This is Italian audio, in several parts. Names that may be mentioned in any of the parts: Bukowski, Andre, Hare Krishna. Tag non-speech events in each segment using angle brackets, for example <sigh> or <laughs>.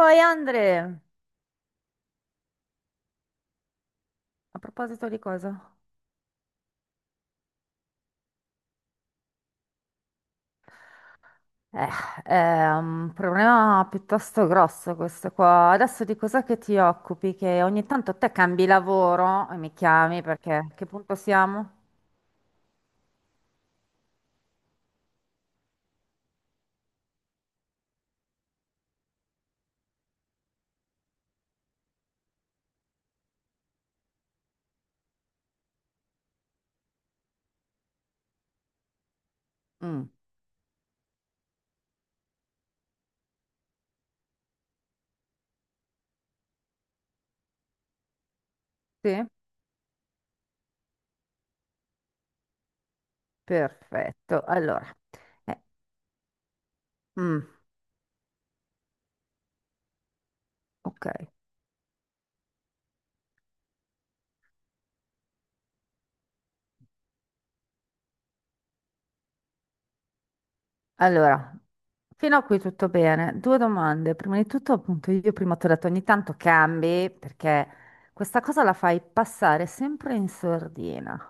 Oi Andre, a proposito di cosa? Eh, è un problema piuttosto grosso questo qua. Adesso di cos'è che ti occupi? Che ogni tanto te cambi lavoro e mi chiami perché a che punto siamo? Mm, sì, perfetto. Allora, eh, mm, ok. Allora, fino a qui tutto bene. Due domande. Prima di tutto, appunto, io prima ti ho detto ogni tanto cambi perché questa cosa la fai passare sempre in sordina.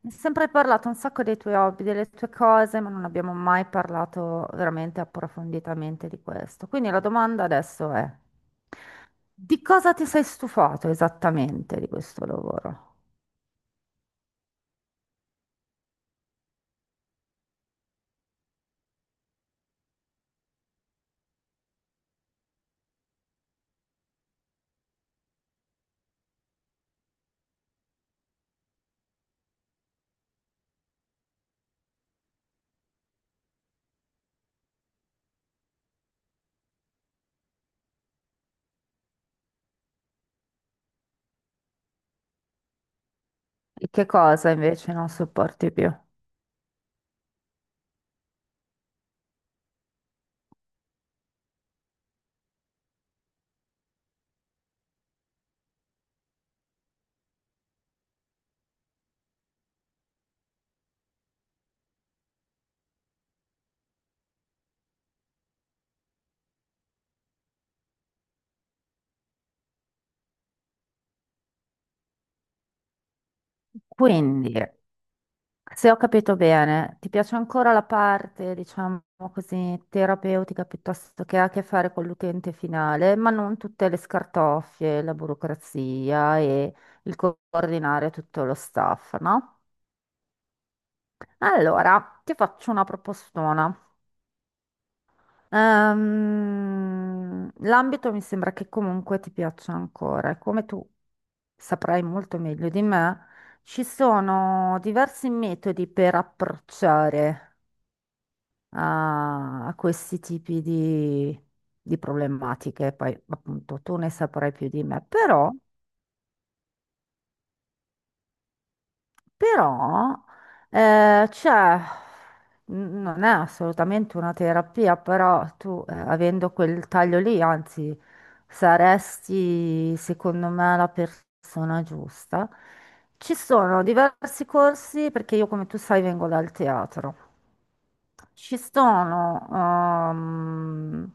Mi è sempre parlato un sacco dei tuoi hobby, delle tue cose, ma non abbiamo mai parlato veramente approfonditamente di questo. Quindi la domanda adesso è, di cosa ti sei stufato esattamente di questo lavoro? E che cosa invece non sopporti più? Quindi... Se ho capito bene, ti piace ancora la parte, diciamo così, terapeutica piuttosto che ha a che fare con l'utente finale, ma non tutte le scartoffie, la burocrazia e il coordinare tutto lo staff, no? Allora, ti faccio una propostona. L'ambito mi sembra che comunque ti piaccia ancora, e come tu saprai molto meglio di me, ci sono diversi metodi per approcciare a questi tipi di problematiche. Poi, appunto, tu ne saprai più di me, però, cioè, non è assolutamente una terapia, però tu, avendo quel taglio lì, anzi, saresti, secondo me, la persona giusta. Ci sono diversi corsi, perché io, come tu sai, vengo dal teatro. Ci sono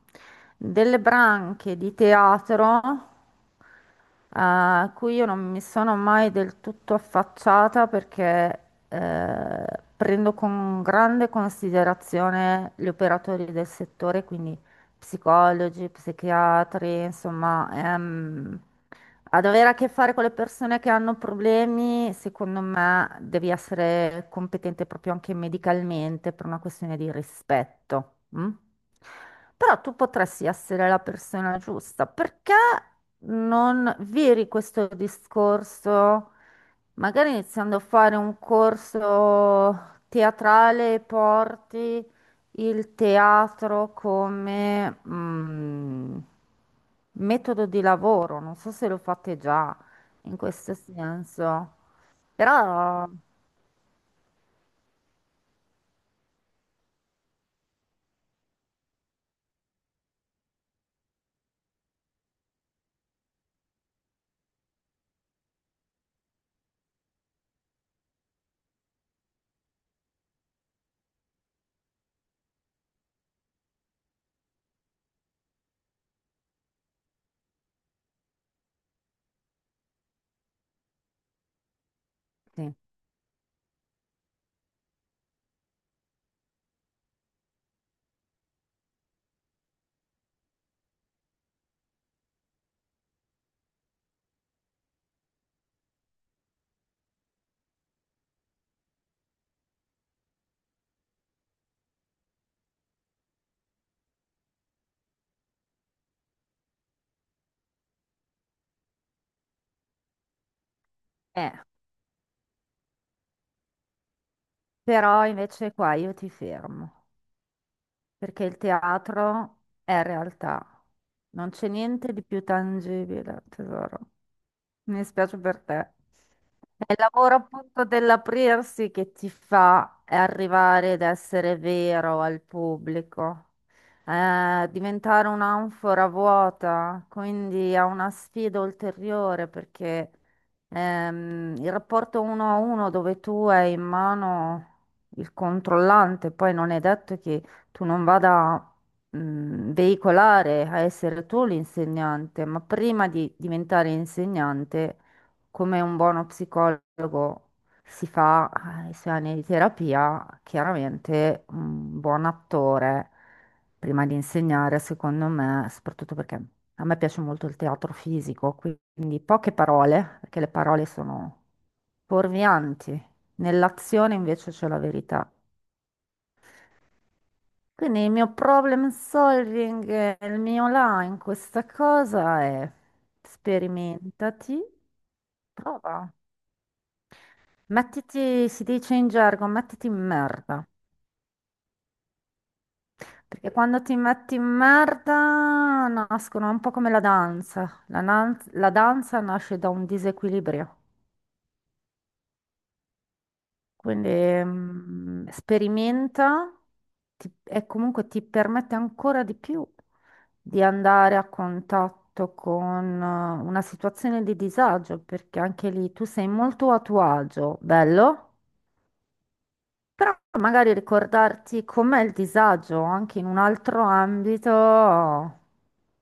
delle branche di teatro, a cui io non mi sono mai del tutto affacciata perché eh, prendo con grande considerazione gli operatori del settore, quindi psicologi, psichiatri, insomma, ad avere a che fare con le persone che hanno problemi, secondo me devi essere competente proprio anche medicalmente per una questione di rispetto. Mm? Però tu potresti essere la persona giusta. Perché non viri questo discorso, magari iniziando a fare un corso teatrale, porti il teatro come metodo di lavoro, non so se lo fate già in questo senso, però, sì. Eh, però invece qua io ti fermo, perché il teatro è realtà, non c'è niente di più tangibile, tesoro. Mi spiace per te. È il lavoro appunto dell'aprirsi che ti fa arrivare ad essere vero al pubblico, diventare un'anfora vuota, quindi è una sfida ulteriore perché il rapporto uno a uno dove tu hai in mano il controllante, poi non è detto che tu non vada veicolare a essere tu l'insegnante, ma prima di diventare insegnante, come un buono psicologo si fa, i suoi anni di terapia, chiaramente un buon attore prima di insegnare, secondo me, soprattutto perché a me piace molto il teatro fisico, quindi poche parole, perché le parole sono fuorvianti. Nell'azione invece c'è la verità. Quindi il mio problem solving, il mio là in questa cosa è sperimentati, prova. Mettiti, si dice in gergo, mettiti in merda. Perché quando ti metti in merda nascono un po' come la danza. La danza nasce da un disequilibrio. Quindi sperimenta, e comunque ti permette ancora di più di andare a contatto con, una situazione di disagio, perché anche lì tu sei molto a tuo agio, bello, però magari ricordarti com'è il disagio anche in un altro ambito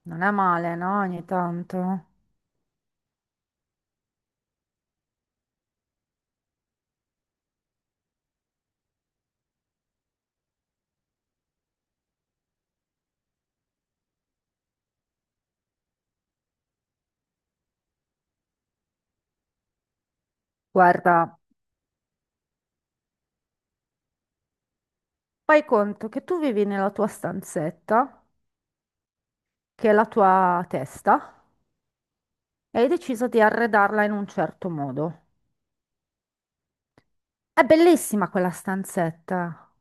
non è male, no? Ogni tanto. Guarda, fai conto che tu vivi nella tua stanzetta, che è la tua testa, e hai deciso di arredarla in un certo modo. È bellissima quella stanzetta.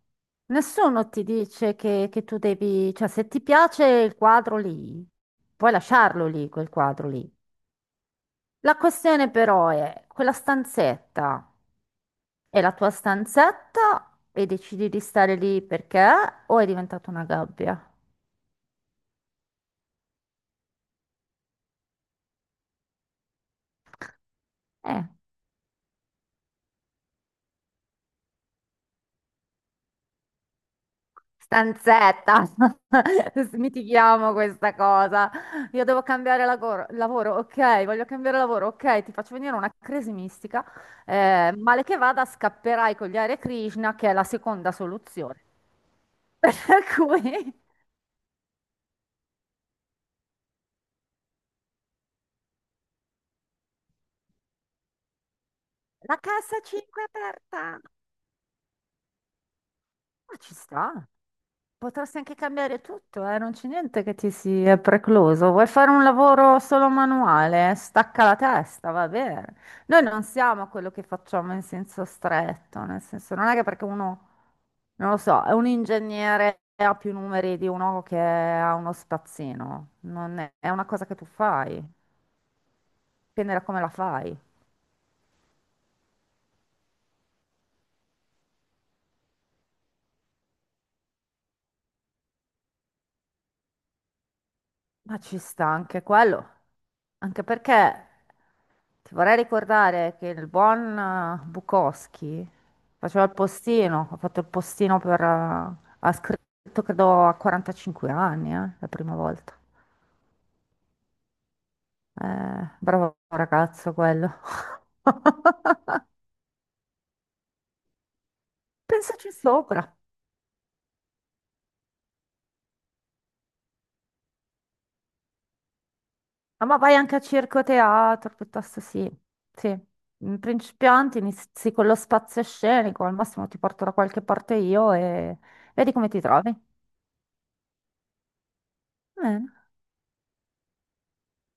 Nessuno ti dice che tu devi, cioè se ti piace il quadro lì, puoi lasciarlo lì, quel quadro lì. La questione però è, quella stanzetta è la tua stanzetta e decidi di stare lì perché o è diventata una gabbia? Eh. Stanzetta, <laughs> smitichiamo questa cosa. Io devo cambiare lavoro, ok, voglio cambiare lavoro, ok, ti faccio venire una crisi mistica. Male che vada, scapperai con gli Hare Krishna, che è la seconda soluzione. <laughs> Per cui la cassa 5 è aperta. Ma ci sta. Potresti anche cambiare tutto, eh? Non c'è niente che ti sia precluso. Vuoi fare un lavoro solo manuale? Stacca la testa, va bene. Noi non siamo quello che facciamo in senso stretto, nel senso non è che perché uno, non lo so, è un ingegnere e ha più numeri di uno che ha uno spazzino. Non è, è una cosa che tu fai, dipende da come la fai. Ma ci sta anche quello, anche perché ti vorrei ricordare che il buon, Bukowski faceva il postino, ha fatto il postino ha scritto credo a 45 anni, la prima volta. Bravo ragazzo quello. <laughs> Pensaci sopra. Ah, ma vai anche a circo teatro, piuttosto sì. Sì, in principianti inizi con lo spazio scenico, al massimo ti porto da qualche parte io e... vedi come ti trovi. Eh,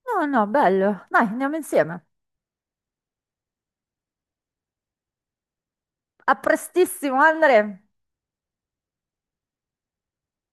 No, no, bello. Dai, andiamo insieme. A prestissimo, Andre.